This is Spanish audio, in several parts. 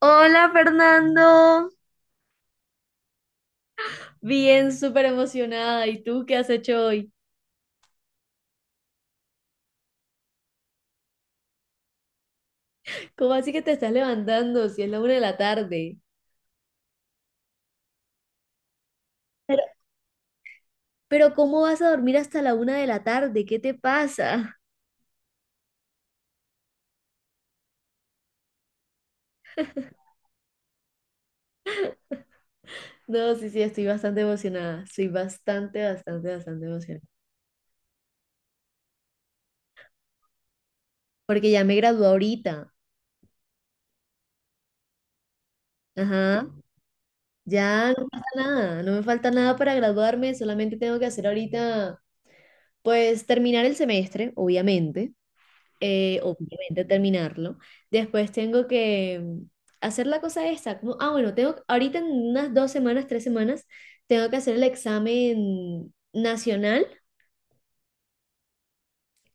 Hola Fernando. Bien, súper emocionada. ¿Y tú qué has hecho hoy? ¿Cómo así que te estás levantando si es la una de la tarde? Pero, pero ¿cómo vas a dormir hasta la una de la tarde? ¿Qué te pasa? No, sí, sí, estoy bastante emocionada. Estoy bastante, bastante, bastante emocionada. Porque ya me gradué ahorita. Ajá. Ya no pasa nada. No me falta nada para graduarme. Solamente tengo que hacer ahorita, pues terminar el semestre, obviamente. Obviamente terminarlo. Después tengo que hacer la cosa esta, como, ah, bueno, tengo, ahorita en unas 2 semanas, 3 semanas, tengo que hacer el examen nacional,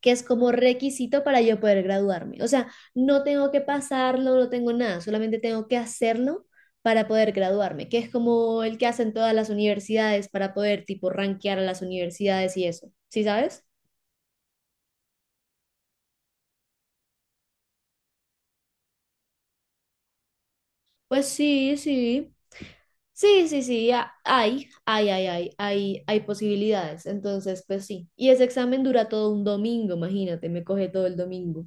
que es como requisito para yo poder graduarme. O sea, no tengo que pasarlo, no tengo nada, solamente tengo que hacerlo para poder graduarme, que es como el que hacen todas las universidades para poder tipo rankear a las universidades y eso. ¿Sí sabes? Pues sí, sí. Sí, sí, sí, hay posibilidades. Entonces, pues sí. Y ese examen dura todo un domingo, imagínate, me coge todo el domingo.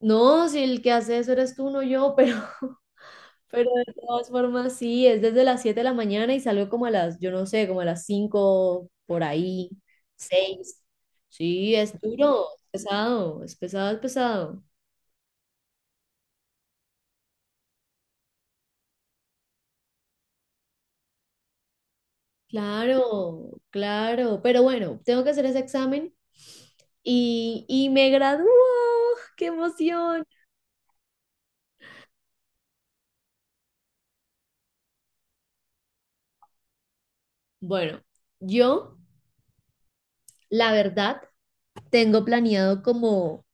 No, si el que hace eso eres tú, no yo, pero, pero de todas formas sí, es desde las 7 de la mañana y salgo como a las, yo no sé, como a las 5 por ahí, 6. Sí, es duro, es pesado, es pesado, es pesado. Claro, claro, pero bueno, tengo que hacer ese examen y me gradúo. ¡Qué emoción! Bueno, yo, la verdad, tengo planeado como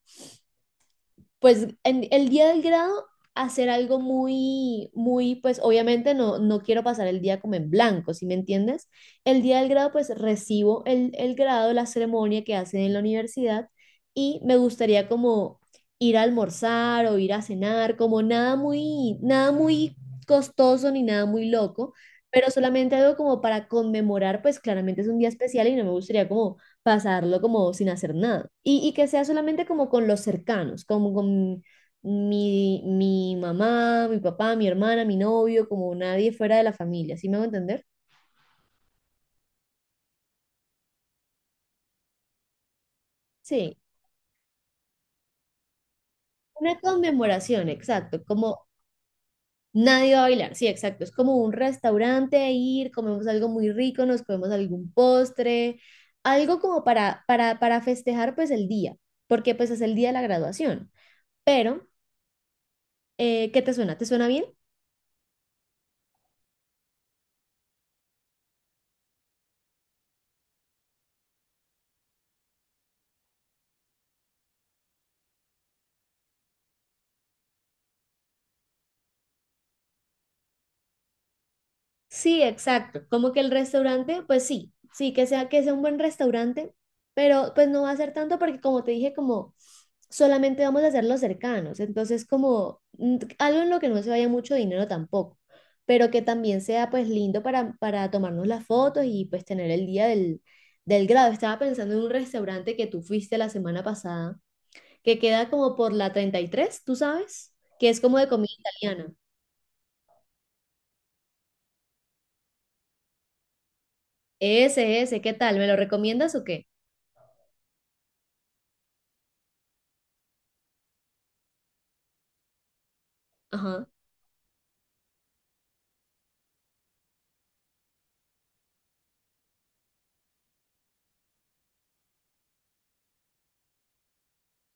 pues en el día del grado hacer algo muy, muy, pues obviamente no, no quiero pasar el día como en blanco, ¿sí me entiendes? El día del grado, pues recibo el grado, la ceremonia que hacen en la universidad y me gustaría como ir a almorzar o ir a cenar, como nada muy, nada muy costoso ni nada muy loco, pero solamente algo como para conmemorar, pues claramente es un día especial y no me gustaría como pasarlo como sin hacer nada. Y que sea solamente como con los cercanos, como con mi mamá, mi papá, mi hermana, mi novio, como nadie fuera de la familia, ¿sí me hago entender? Sí, una conmemoración, exacto, como nadie va a bailar, sí, exacto, es como un restaurante, ir, comemos algo muy rico, nos comemos algún postre, algo como para festejar pues el día, porque pues es el día de la graduación, pero, ¿qué te suena? ¿Te suena bien? Sí, exacto. Como que el restaurante, pues sí, sí, que sea un buen restaurante, pero pues no va a ser tanto porque como te dije, como solamente vamos a hacer los cercanos. Entonces, como algo en lo que no se vaya mucho dinero tampoco, pero que también sea pues lindo para tomarnos las fotos y pues tener el día del grado. Estaba pensando en un restaurante que tú fuiste la semana pasada, que queda como por la 33, ¿tú sabes? Que es como de comida italiana. Ese, ¿qué tal? ¿Me lo recomiendas o qué? Ajá.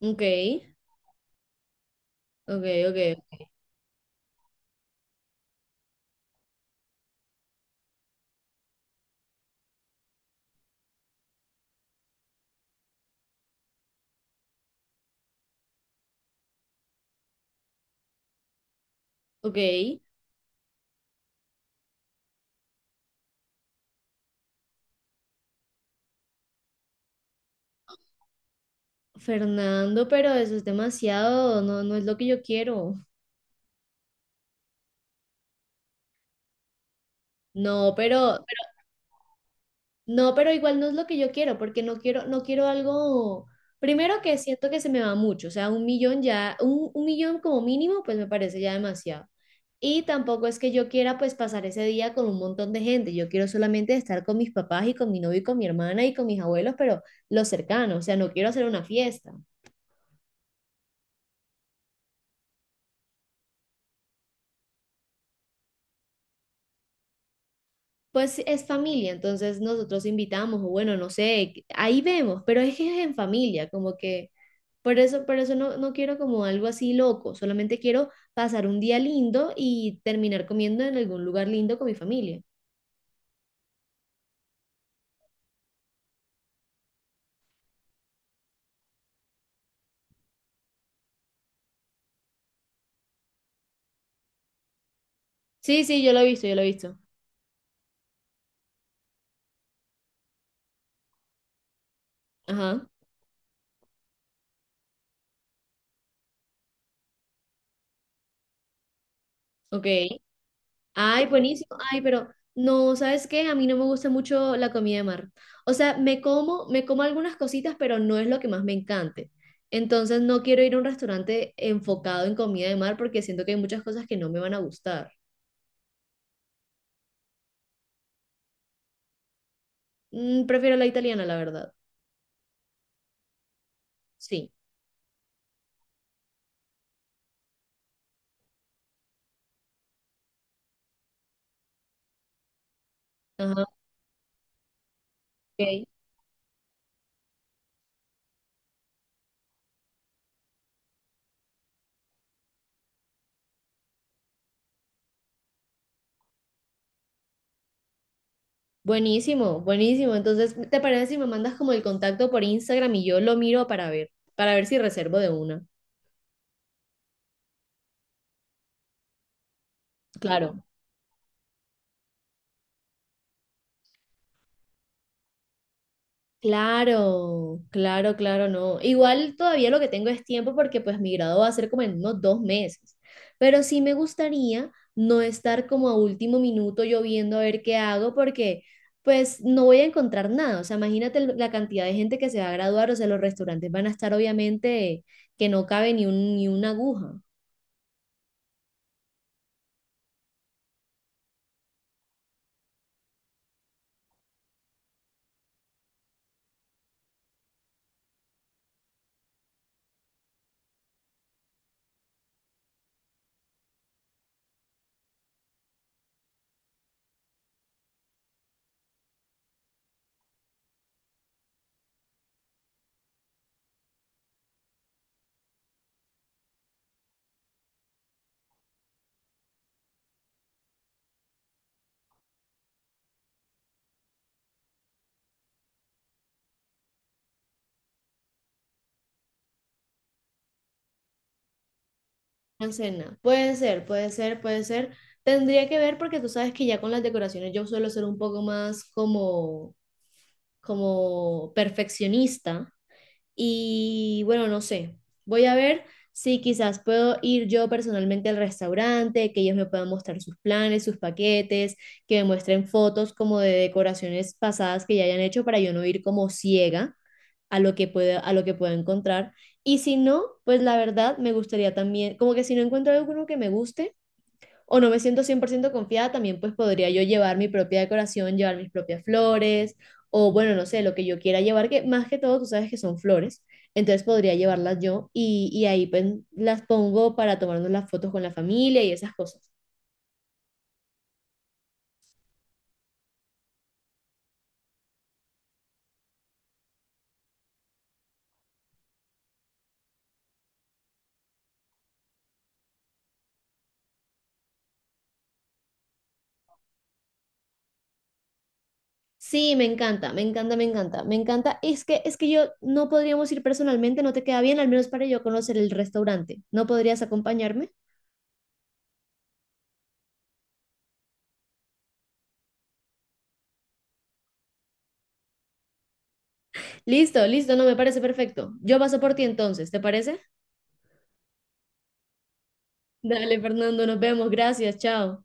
Ok, ok, ok, ok. Fernando, pero eso es demasiado, no, no es lo que yo quiero. No, pero, no, pero igual no es lo que yo quiero, porque no quiero, no quiero algo. Primero que siento que se me va mucho, o sea, un millón ya, un millón como mínimo, pues me parece ya demasiado. Y tampoco es que yo quiera pues pasar ese día con un montón de gente, yo quiero solamente estar con mis papás y con mi novio y con mi hermana y con mis abuelos, pero los cercanos, o sea, no quiero hacer una fiesta. Pues es familia, entonces nosotros invitamos, o bueno, no sé, ahí vemos, pero es que es en familia, como que por eso no, no quiero como algo así loco, solamente quiero pasar un día lindo y terminar comiendo en algún lugar lindo con mi familia. Sí, sí, yo lo he visto, yo lo he visto. Ajá, ok. Ay, buenísimo. Ay, pero no, ¿sabes qué? A mí no me gusta mucho la comida de mar. O sea, me como algunas cositas, pero no es lo que más me encante. Entonces no quiero ir a un restaurante enfocado en comida de mar porque siento que hay muchas cosas que no me van a gustar. Prefiero la italiana, la verdad. Sí. Ajá, ok. Buenísimo, buenísimo. Entonces, ¿te parece si me mandas como el contacto por Instagram y yo lo miro para ver si reservo de una? Claro. Claro, claro, claro, no. Igual todavía lo que tengo es tiempo porque pues mi grado va a ser como en unos 2 meses. Pero sí me gustaría no estar como a último minuto yo viendo a ver qué hago porque pues no voy a encontrar nada. O sea, imagínate la cantidad de gente que se va a graduar. O sea, los restaurantes van a estar obviamente que no cabe ni un, ni una aguja. Una cena. Puede ser, puede ser, puede ser. Tendría que ver porque tú sabes que ya con las decoraciones yo suelo ser un poco más como perfeccionista y bueno, no sé, voy a ver si quizás puedo ir yo personalmente al restaurante, que ellos me puedan mostrar sus planes, sus paquetes, que me muestren fotos como de decoraciones pasadas que ya hayan hecho para yo no ir como ciega a lo que pueda, a lo que pueda encontrar. Y si no, pues la verdad me gustaría también, como que si no encuentro alguno que me guste, o no me siento 100% confiada, también pues podría yo llevar mi propia decoración, llevar mis propias flores, o bueno, no sé, lo que yo quiera llevar, que más que todo tú sabes que son flores, entonces podría llevarlas yo y ahí pues, las pongo para tomarnos las fotos con la familia y esas cosas. Sí, me encanta, me encanta, me encanta, me encanta. Es que yo no podríamos ir personalmente, no te queda bien, al menos para yo conocer el restaurante. ¿No podrías acompañarme? Listo, listo, no me parece perfecto. Yo paso por ti entonces, ¿te parece? Dale, Fernando, nos vemos, gracias, chao.